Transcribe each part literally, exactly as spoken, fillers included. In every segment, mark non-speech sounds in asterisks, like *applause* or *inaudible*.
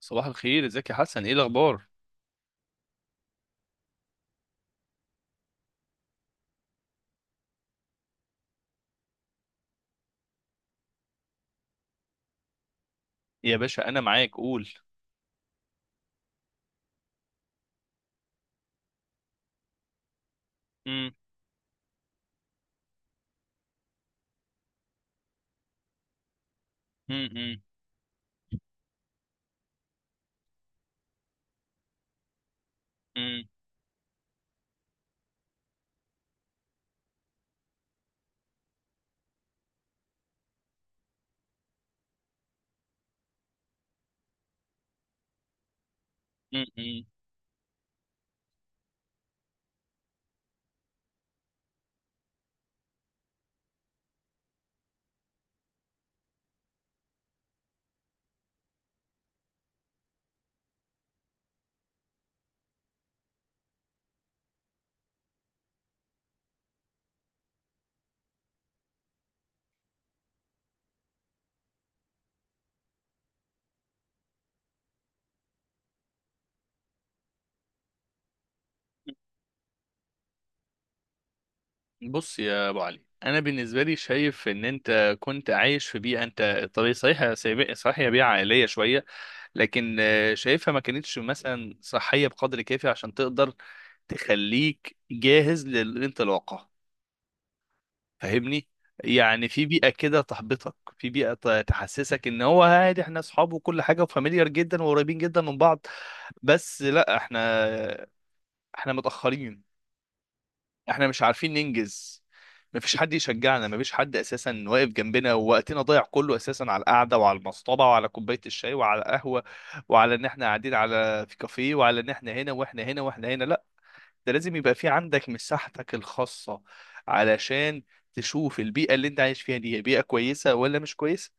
صباح الخير، ازيك يا حسن؟ ايه الاخبار يا باشا؟ انا معاك، قول. مم. مم. مم. مم. مم. مم. بص يا ابو علي، انا بالنسبه لي شايف ان انت كنت عايش في بيئه، انت طبيعي صحيح، سيب- صحيح هي بيئه عائليه شويه. لكن آه، شايفها ما كانتش مثلا صحيه بقدر كافي عشان تقدر تخليك جاهز للانطلاقه. فاهمني؟ يعني في بيئة كده تحبطك، في بيئة ت- تحسسك ان هو عادي، احنا اصحاب وكل حاجة وفاميليار جدا وقريبين جدا من بعض. بس لا، احنا احنا متأخرين، احنا مش عارفين ننجز. مفيش حد يشجعنا، مفيش حد اساسا واقف جنبنا، ووقتنا ضايع كله اساسا على القعده وعلى المصطبه وعلى كوبايه الشاي وعلى القهوه، وعلى ان احنا قاعدين على في كافيه، وعلى ان احنا هنا واحنا هنا واحنا هنا. لا، ده لازم يبقى في عندك مساحتك الخاصة، علشان تشوف البيئة اللي انت عايش فيها دي، هي بيئة كويسة ولا مش كويسة،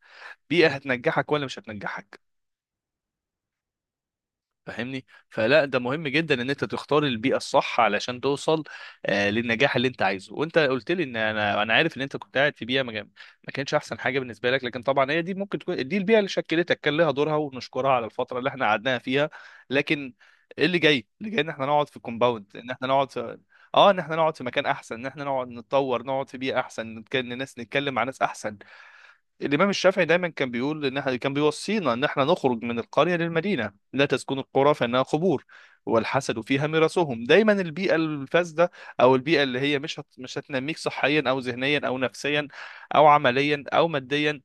بيئة هتنجحك ولا مش هتنجحك. فاهمني؟ فلا، ده مهم جدا ان انت تختار البيئه الصح علشان توصل آه، للنجاح اللي انت عايزه. وانت قلت لي ان انا انا عارف ان انت كنت قاعد في بيئه ما كان- ما كانتش احسن حاجه بالنسبه لك، لكن طبعا هي دي، ممكن تكون دي البيئه اللي شكلتك، كان لها دورها ونشكرها على الفتره اللي احنا قعدناها فيها. لكن ايه اللي جاي؟ اللي جاي ان احنا نقعد في كومباوند، ان احنا نقعد في، اه ان احنا نقعد في مكان احسن، ان احنا نقعد نتطور، نقعد في بيئه احسن، نتكلم ناس، نتكلم مع ناس احسن. الإمام الشافعي دايما كان بيقول إن إحنا، كان بيوصينا إن إحنا نخرج من القرية للمدينة: لا تسكن القرى فإنها قبور، والحسد فيها مرسهم. دايما البيئة الفاسدة، أو البيئة اللي هي مش هت... مش هتنميك صحيا أو ذهنيا أو نفسيا أو عمليا أو ماديا،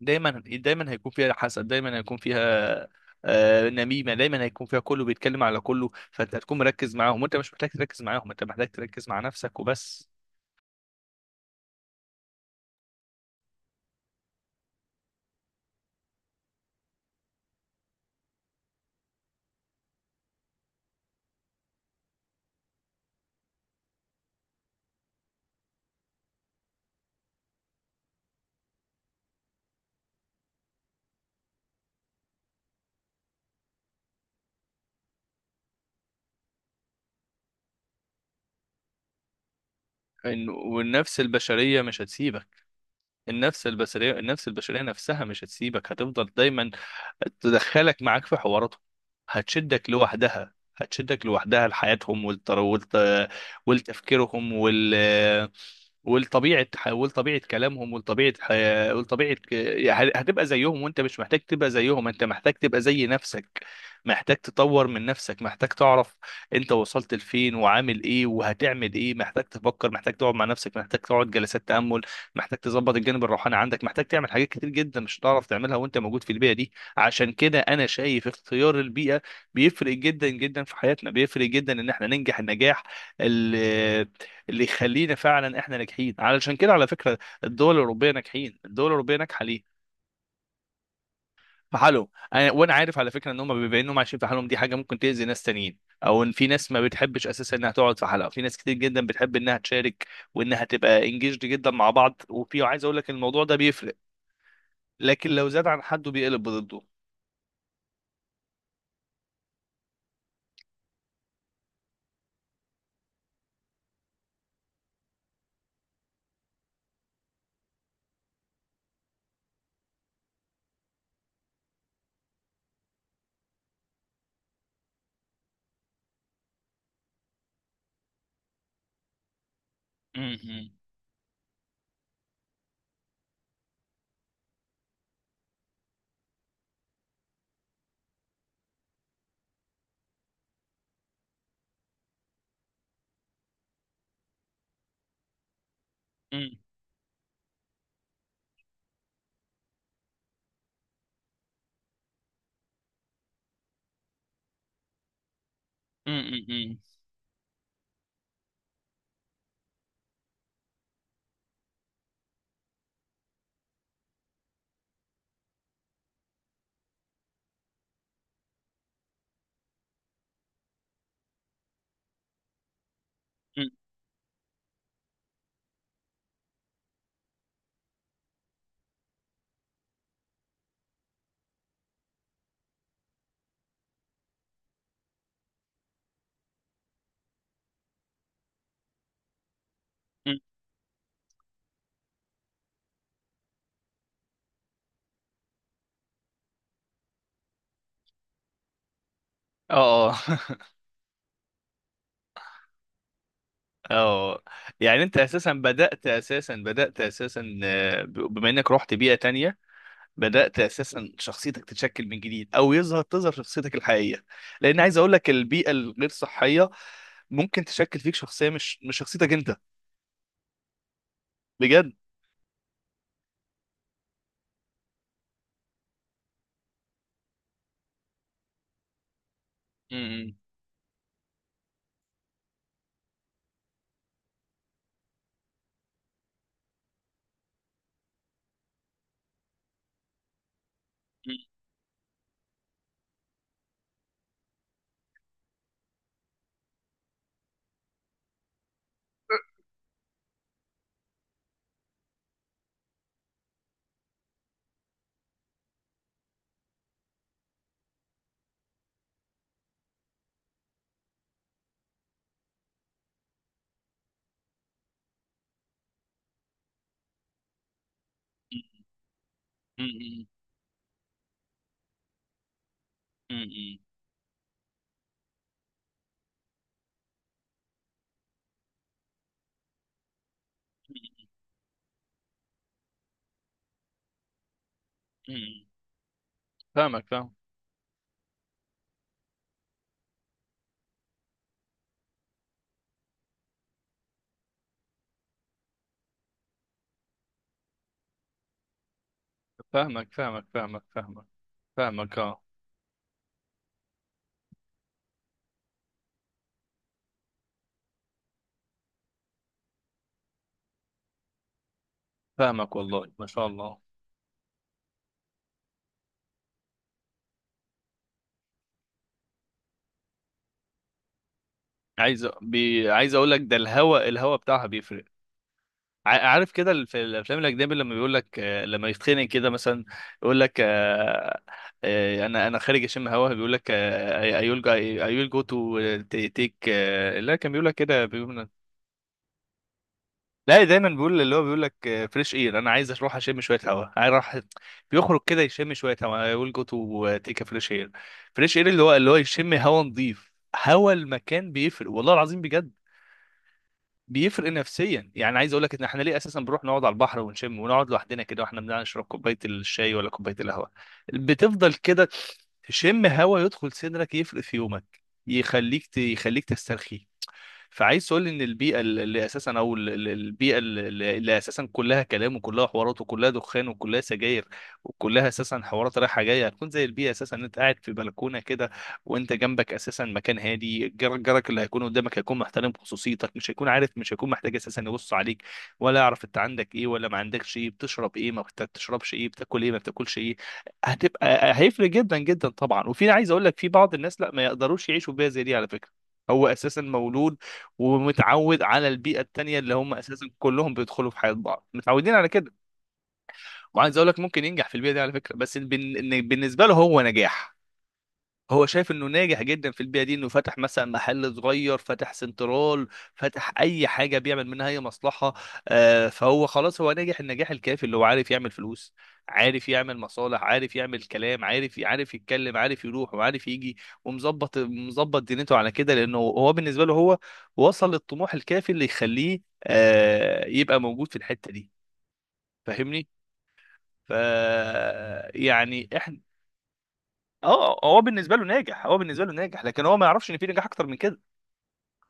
دايما دايما هيكون فيها حسد، دايما هيكون فيها آه، نميمة، دايما هيكون فيها كله بيتكلم على كله، فأنت هتكون مركز معاهم، وأنت مش محتاج تركز معاهم، أنت محتاج تركز مع نفسك وبس. إن- والنفس البشرية مش هتسيبك، النفس البشريه النفس البشريه نفسها مش هتسيبك، هتفضل دايما تدخلك معاك في حواراتهم، هتشدك لوحدها هتشدك لوحدها لحياتهم والتر... والت... والتفكيرهم وال... ولطبيعه ح- ولطبيعه كلامهم ولطبيعه حياة ولطبيعه ك- يعني هتبقى زيهم، وانت مش محتاج تبقى زيهم، انت محتاج تبقى زي نفسك، محتاج تطور من نفسك، محتاج تعرف انت وصلت لفين وعامل ايه وهتعمل ايه، محتاج تفكر، محتاج تقعد مع نفسك، محتاج تقعد جلسات تامل، محتاج تظبط الجانب الروحاني عندك، محتاج تعمل حاجات كتير جدا مش هتعرف تعملها وانت موجود في البيئه دي. عشان كده انا شايف اختيار البيئه بيفرق جدا جدا في حياتنا، بيفرق جدا ان احنا ننجح النجاح اللي يخلينا فعلا احنا ناجحين. علشان كده على فكره، الدول الاوروبيه ناجحين، الدول الاوروبيه ناجحه ليه؟ في حالهم. أنا وانا عارف على فكره ان هم بيبقى انهم عايشين في حالهم، دي حاجه ممكن تاذي ناس تانيين، او ان في ناس ما بتحبش اساسا انها تقعد في حلقه، في ناس كتير جدا بتحب انها تشارك وانها تبقى انجيجد جدا مع بعض، وفي، عايز اقول لك، الموضوع ده بيفرق، لكن لو زاد عن حده بيقلب ضده. مم. مم. مم. مم. مم. مم. اه. *laughs* اه. يعني انت اساسا بدأت اساسا بدأت اساسا آه، بما انك رحت بيئة تانية، بدأت أساسا شخصيتك تتشكل من جديد، أو يظهر تظهر شخصيتك الحقيقية. لأن عايز أقول لك، البيئة الغير صحية ممكن تشكل فيك شخصية، مش مش شخصيتك أنت، بجد. مم. مم. مم. مم. مم. فاهمك، فاهم. فاهمك، فاهمك، فاهمك، فاهمك، فاهمك، اه. فاهمك، والله ما شاء الله. عايز بي... عايز اقول لك ده، الهوا الهوا بتاعها بيفرق. ع- عارف كده، ال- في الافلام الاجنبي، لما بيقول لك آه، لما يتخنق كده مثلا، يقول لك آه، آه، انا انا خارج اشم هوا، بيقول لك اي ويل اي ويل جو تو تيك. لا، كان بيقول لك كده، بيقول، لا، دايما بيقول، اللي هو بيقول لك فريش اير، انا عايز اروح اشم شويه هوا، عايز اروح. بيخرج كده يشم شويه هوا، اي ويل جو تو تيك فريش اير. فريش اير، اللي هو اللي هو يشم هوا نظيف. هوا المكان بيفرق، والله العظيم بجد. بيفرق نفسيا، يعني عايز اقول لك، ان احنا ليه اساسا بنروح نقعد على البحر ونشم ونقعد لوحدنا كده، واحنا بنقعد نشرب كوبايه الشاي ولا كوبايه القهوه؟ بتفضل كده، تشم هوا يدخل صدرك، يفرق في يومك، يخليك ت... يخليك تسترخي. فعايز تقول لي ان البيئه اللي اساسا او ال- ال- البيئه اللي اللي اساسا كلها كلام وكلها حوارات وكلها دخان وكلها سجاير، وكلها اساسا حوارات رايحه جايه، هتكون زي البيئه اساسا ان انت قاعد في بلكونه كده، وانت جنبك اساسا مكان هادي، جار- جارك اللي هيكون قدامك هيكون محترم خصوصيتك، مش هيكون عارف، مش هيكون محتاج اساسا يبص عليك، ولا يعرف انت عندك ايه ولا ما عندكش ايه، بتشرب ايه ما بت- بتشربش ايه، بتاكل ايه ما بتاكلش ايه. هتبقى هيفرق جدا جدا طبعا. وفي، عايز اقول لك، في بعض الناس لا، ما يقدروش يعيشوا بيئه زي دي على فكره، هو اساسا مولود ومتعود على البيئه التانيه، اللي هم اساسا كلهم بيدخلوا في حياه بعض، متعودين على كده. وعايز اقول لك، ممكن ينجح في البيئه دي على فكره، بس بن- إن بالنسبه له هو نجاح، هو شايف انه ناجح جدا في البيئه دي، انه فتح مثلا محل صغير، فتح سنترال، فتح اي حاجه بيعمل منها اي مصلحه. آه، فهو خلاص، هو ناجح النجاح الكافي، اللي هو عارف يعمل فلوس، عارف يعمل مصالح، عارف يعمل كلام، عارف عارف يتكلم، عارف يروح وعارف يجي، ومظبط مظبط دنيته على كده، لانه هو بالنسبه له هو وصل للطموح الكافي اللي يخليه آه، يبقى موجود في الحته دي. فاهمني؟ ف يعني احنا، اه، هو بالنسبه له ناجح، هو بالنسبه له ناجح، لكن هو ما يعرفش ان في نجاح اكتر من كده.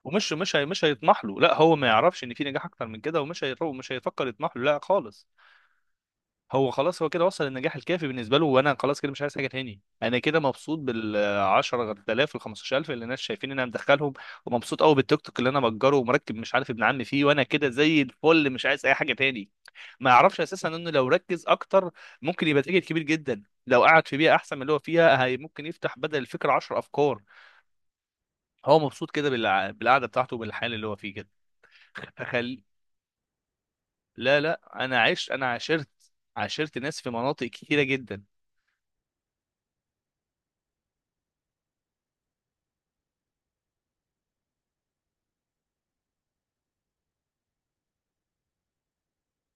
ومش مش هي مش هيطمح له، لا، هو ما يعرفش ان في نجاح اكتر من كده، ومش هيرو مش هيفكر يطمح له، لا خالص. هو خلاص هو كده وصل للنجاح الكافي بالنسبه له، وانا خلاص كده مش عايز حاجه تاني، انا كده مبسوط بال عشر آلاف وال خمسة عشر ألف اللي الناس شايفين ان انا مدخلهم، ومبسوط قوي بالتيك توك اللي انا مأجره ومركب، مش عارف، ابن عمي فيه، وانا كده زي الفل مش عايز اي حاجه تاني. ما يعرفش اساسا انه لو ركز اكتر، ممكن يبقى تاجر كبير جدا، لو قعد في بيئه احسن من اللي هو فيها، هي ممكن يفتح بدل الفكره 10 افكار. هو مبسوط كده بالع- بالقعده بتاعته وبالحال اللي هو فيه كده. فخل لا، لا، انا عشت انا عاشرت عاشرت ناس في مناطق كتيره جدا.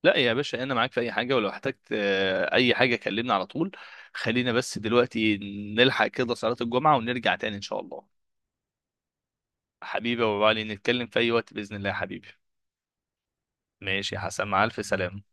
لا يا باشا، انا معاك في اي حاجه، ولو احتجت آه، اي حاجه كلمني على طول. خلينا بس دلوقتي نلحق كده صلاه الجمعه ونرجع تاني ان شاء الله. حبيبي يا ابو علي، نتكلم في اي وقت باذن الله يا حبيبي. ماشي يا حسن، مع الف سلامه.